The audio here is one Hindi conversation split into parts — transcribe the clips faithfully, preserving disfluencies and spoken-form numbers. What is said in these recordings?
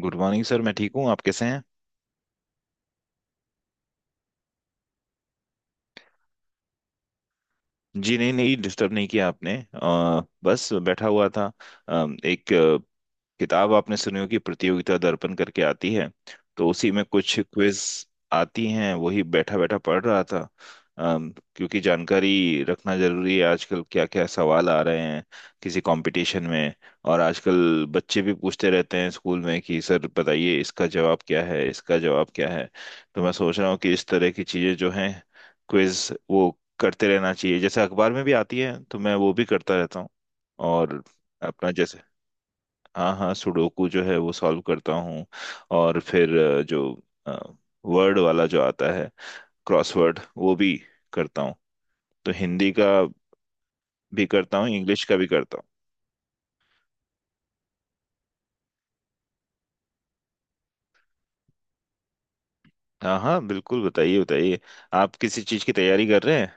Good morning sir. मैं ठीक हूँ। आप कैसे हैं? जी नहीं, नहीं डिस्टर्ब नहीं किया आपने। अ, बस बैठा हुआ था। अ, एक किताब आपने सुनी होगी, प्रतियोगिता दर्पण करके आती है। तो उसी में कुछ क्विज आती हैं, वही बैठा बैठा पढ़ रहा था। अम, क्योंकि जानकारी रखना जरूरी है, आजकल क्या क्या सवाल आ रहे हैं किसी कंपटीशन में। और आजकल बच्चे भी पूछते रहते हैं स्कूल में कि सर बताइए इसका जवाब क्या है, इसका जवाब क्या है। तो मैं सोच रहा हूँ कि इस तरह की चीजें जो हैं, क्विज, वो करते रहना चाहिए। जैसे अखबार में भी आती है तो मैं वो भी करता रहता हूँ। और अपना जैसे, हाँ हाँ, सुडोकू जो है वो सॉल्व करता हूँ। और फिर अ, जो वर्ड वाला जो आता है क्रॉसवर्ड वो भी करता हूँ। तो हिंदी का भी करता हूँ, इंग्लिश का भी करता हूँ। हाँ हाँ, बिल्कुल, बताइए बताइए। आप किसी चीज़ की तैयारी कर रहे हैं?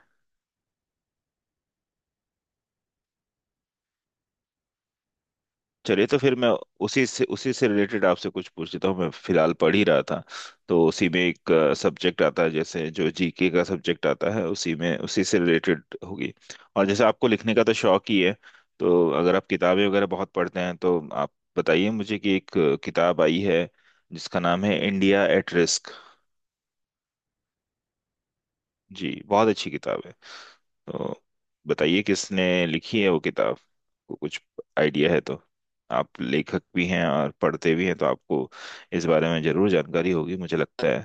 चलिए तो फिर मैं उसी से उसी से रिलेटेड आपसे कुछ पूछ लेता हूँ, मैं फिलहाल पढ़ ही रहा था। तो उसी में एक सब्जेक्ट आता है, जैसे जो जीके का सब्जेक्ट आता है, उसी में, उसी से रिलेटेड होगी। और जैसे आपको लिखने का तो शौक ही है, तो अगर आप किताबें वगैरह बहुत पढ़ते हैं, तो आप बताइए मुझे कि एक अ, किताब आई है जिसका नाम है इंडिया एट रिस्क। जी, बहुत अच्छी किताब है। तो बताइए किसने लिखी है वो किताब, को कुछ आइडिया है तो। आप लेखक भी हैं और पढ़ते भी हैं, तो आपको इस बारे में जरूर जानकारी होगी मुझे लगता है।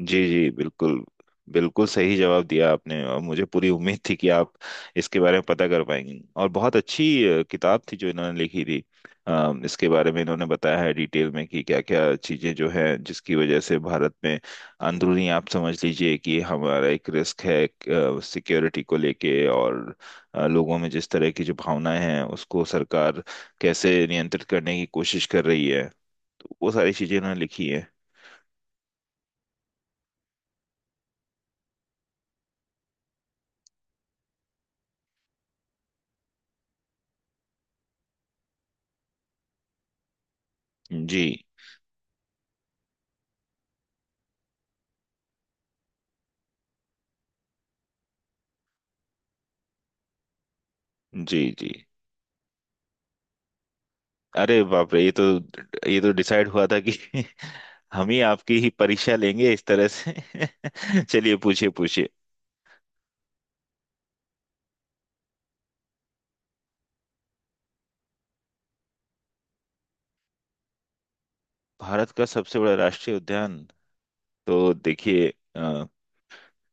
जी जी, बिल्कुल बिल्कुल सही जवाब दिया आपने। और मुझे पूरी उम्मीद थी कि आप इसके बारे में पता कर पाएंगे। और बहुत अच्छी अ, किताब थी जो इन्होंने लिखी थी। अ, इसके बारे में इन्होंने बताया है डिटेल में कि क्या क्या चीजें जो है जिसकी वजह से भारत में अंदरूनी, आप समझ लीजिए कि हमारा एक रिस्क है सिक्योरिटी को लेके। और अ, लोगों में जिस तरह की जो भावनाएं हैं उसको सरकार कैसे नियंत्रित करने की कोशिश कर रही है, तो वो सारी चीजें इन्होंने लिखी है। जी जी जी, अरे बाप रे, ये तो ये तो डिसाइड हुआ था कि हम ही आपकी ही परीक्षा लेंगे इस तरह से। चलिए पूछिए पूछिए। भारत का सबसे बड़ा राष्ट्रीय उद्यान, तो देखिए अ,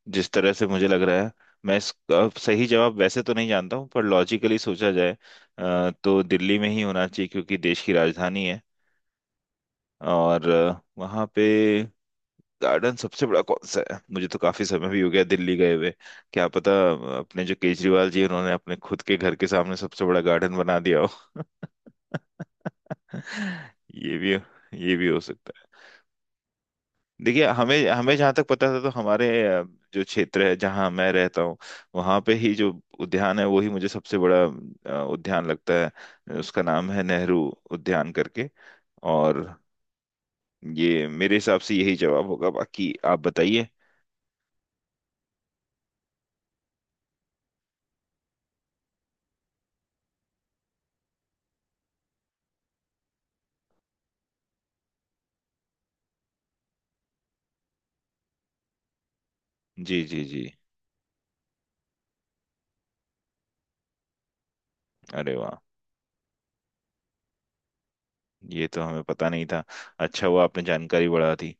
जिस तरह से मुझे लग रहा है, मैं इसका सही जवाब वैसे तो नहीं जानता हूँ, पर लॉजिकली सोचा जाए अ, तो दिल्ली में ही होना चाहिए क्योंकि देश की राजधानी है। और अ, वहाँ पे गार्डन सबसे बड़ा कौन सा है, मुझे तो काफी समय भी हो गया दिल्ली गए हुए। क्या पता अपने जो केजरीवाल जी हैं, उन्होंने अपने खुद के घर के सामने सबसे बड़ा गार्डन बना दिया हो। ये भी ये भी हो सकता है। देखिए हमें हमें जहाँ तक पता था तो हमारे अ, जो क्षेत्र है जहाँ मैं रहता हूँ, वहाँ पे ही जो उद्यान है वही मुझे सबसे बड़ा अ, उद्यान लगता है। उसका नाम है नेहरू उद्यान करके। और ये मेरे हिसाब से यही जवाब होगा, बाकी आप बताइए। जी जी जी, अरे वाह, ये तो हमें पता नहीं था। अच्छा हुआ, आपने जानकारी बढ़ा दी।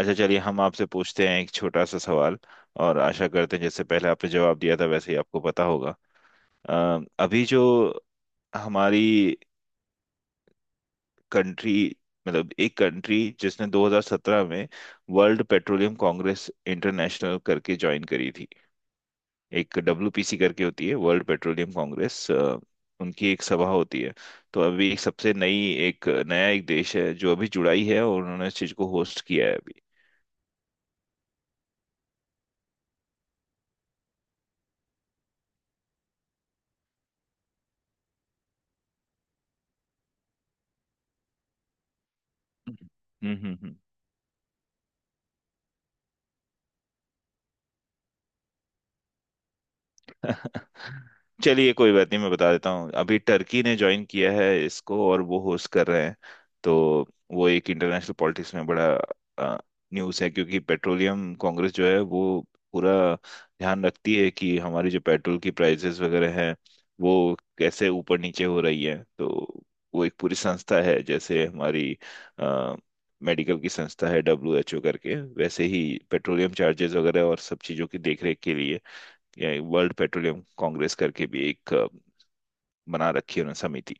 अच्छा चलिए, हम आपसे पूछते हैं एक छोटा सा सवाल। और आशा करते हैं जैसे पहले आपने जवाब दिया था वैसे ही आपको पता होगा। अ, अभी जो हमारी कंट्री, मतलब एक कंट्री जिसने दो हज़ार सत्रह में वर्ल्ड पेट्रोलियम कांग्रेस इंटरनेशनल करके ज्वाइन करी थी। एक डब्ल्यूपीसी करके होती है, वर्ल्ड पेट्रोलियम कांग्रेस, अ, उनकी एक सभा होती है। तो अभी एक सबसे नई, एक नया एक देश है जो अभी जुड़ा ही है, और उन्होंने इस चीज को होस्ट किया है अभी। हम्म हम्म हम्म। चलिए, कोई बात नहीं, मैं बता देता हूँ। अभी टर्की ने ज्वाइन किया है इसको, और वो होस्ट कर रहे हैं। तो वो एक इंटरनेशनल पॉलिटिक्स में बड़ा न्यूज़ है, क्योंकि पेट्रोलियम कांग्रेस जो है वो पूरा ध्यान रखती है कि हमारी जो पेट्रोल की प्राइसेस वगैरह हैं वो कैसे ऊपर नीचे हो रही है। तो वो एक पूरी संस्था है, जैसे हमारी अ, मेडिकल की संस्था है डब्ल्यू एच ओ करके, वैसे ही पेट्रोलियम चार्जेस वगैरह और सब चीज़ों की देखरेख के लिए ये वर्ल्ड पेट्रोलियम कांग्रेस करके भी एक अ, बना रखी है उन्होंने समिति।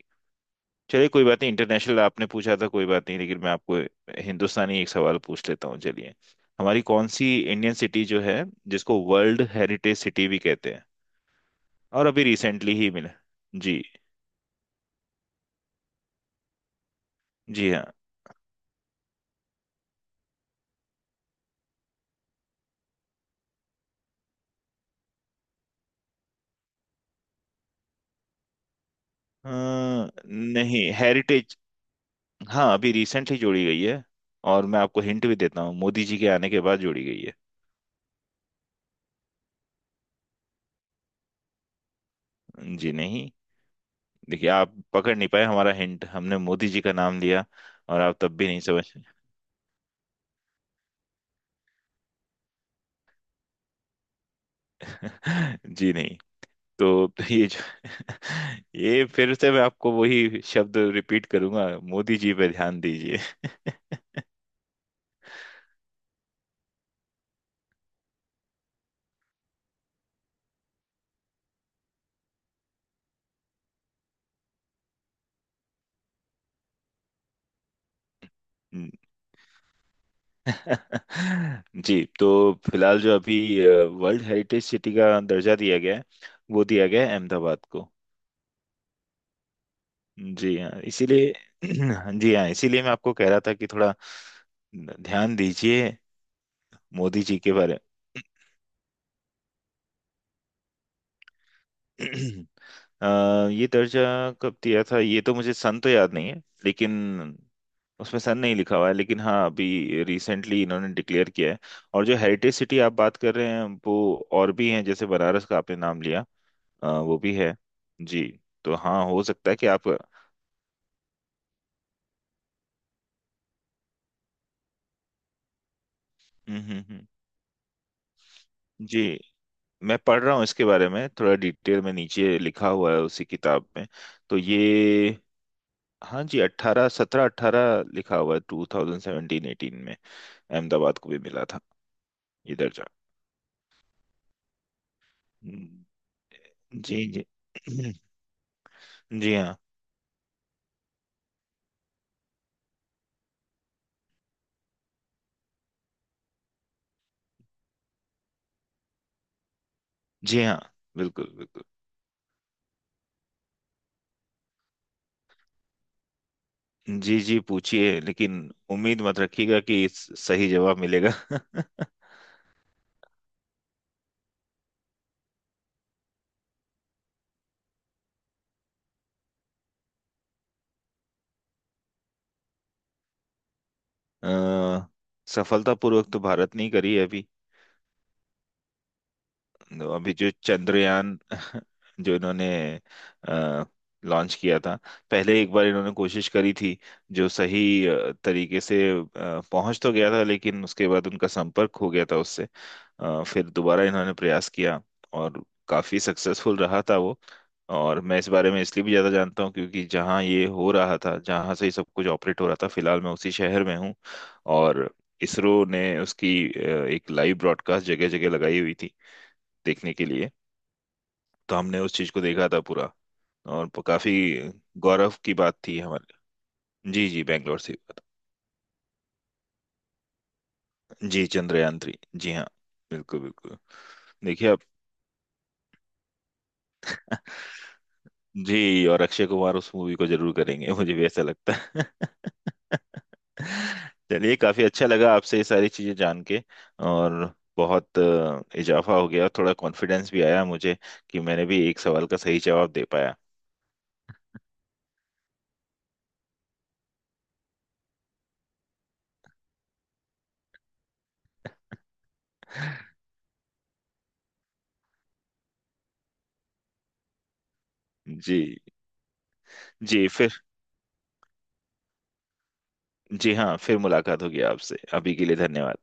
चलिए, कोई बात नहीं। इंटरनेशनल आपने पूछा था, कोई बात नहीं, लेकिन मैं आपको हिंदुस्तानी एक सवाल पूछ लेता हूँ, चलिए। हमारी कौन सी इंडियन सिटी जो है जिसको वर्ल्ड हेरिटेज सिटी भी कहते हैं, और अभी रिसेंटली ही मिला? जी। जी हाँ। अ, नहीं, हेरिटेज। हाँ, अभी रिसेंटली जोड़ी गई है। और मैं आपको हिंट भी देता हूँ, मोदी जी के आने के बाद जोड़ी गई है। जी नहीं। देखिए आप पकड़ नहीं पाए हमारा हिंट। हमने मोदी जी का नाम लिया और आप तब भी नहीं समझ। जी नहीं। तो तो ये जो ये फिर से मैं आपको वही शब्द रिपीट करूंगा, मोदी जी पे ध्यान दीजिए। हम्म। जी, तो फिलहाल जो अभी वर्ल्ड हेरिटेज सिटी का दर्जा दिया गया है, वो दिया गया है अहमदाबाद को। जी हाँ, इसीलिए। जी हाँ, इसीलिए मैं आपको कह रहा था कि थोड़ा ध्यान दीजिए मोदी जी के बारे। अ, ये दर्जा कब दिया था ये तो मुझे सन तो याद नहीं है। लेकिन उसमें सन नहीं लिखा हुआ है। लेकिन हाँ, अभी रिसेंटली इन्होंने डिक्लेयर किया है। और जो हेरिटेज सिटी आप बात कर रहे हैं वो और भी हैं, जैसे बनारस का आपने नाम लिया, अ, वो भी है, जी। तो हाँ, हो सकता है कि आप, हम्म। हम्म हम्म। जी, मैं पढ़ रहा हूँ इसके बारे में थोड़ा, डिटेल में नीचे लिखा हुआ है उसी किताब में, तो ये। हाँ जी, अट्ठारह, सत्रह अट्ठारह लिखा हुआ है, टू थाउजेंड सेवेंटीन एटीन में अहमदाबाद को भी मिला था ये दर्जा। हम्म। जी जी। जी हाँ। जी हाँ, बिल्कुल बिल्कुल। जी जी, पूछिए, लेकिन उम्मीद मत रखिएगा कि इस- सही जवाब मिलेगा। अ, सफलतापूर्वक तो भारत ने ही करी है अभी। तो अभी जो चंद्रयान जो इन्होंने लॉन्च किया था, पहले एक बार इन्होंने कोशिश करी थी, जो सही अ, तरीके से अ, पहुंच तो गया था, लेकिन उसके बाद उनका संपर्क हो गया था उससे। अ, फिर दोबारा इन्होंने प्रयास किया और काफी सक्सेसफुल रहा था वो। और मैं इस बारे में इसलिए भी ज्यादा जानता हूँ, क्योंकि जहाँ ये हो रहा था, जहाँ से ही सब कुछ ऑपरेट हो रहा था, फिलहाल मैं उसी शहर में हूँ। और इसरो ने उसकी अ, एक लाइव ब्रॉडकास्ट जगह जगह लगाई हुई थी देखने के लिए। तो हमने उस चीज को देखा था पूरा, और प- काफी गौरव की बात थी हमारे लिए। जी जी, बैंगलोर से बात। जी, चंद्रयान थ्री, जी हाँ, बिल्कुल बिल्कुल। देखिए आप। जी, और अक्षय कुमार उस मूवी को जरूर करेंगे मुझे भी ऐसा लगता है। चलिए, काफी अच्छा लगा आपसे ये सारी चीजें जान के। और बहुत अ, इजाफा हो गया, थोड़ा कॉन्फिडेंस भी आया मुझे कि मैंने भी एक सवाल का सही जवाब दे पाया। जी जी, फिर। जी हाँ, फिर मुलाकात होगी आपसे। अभी के लिए धन्यवाद।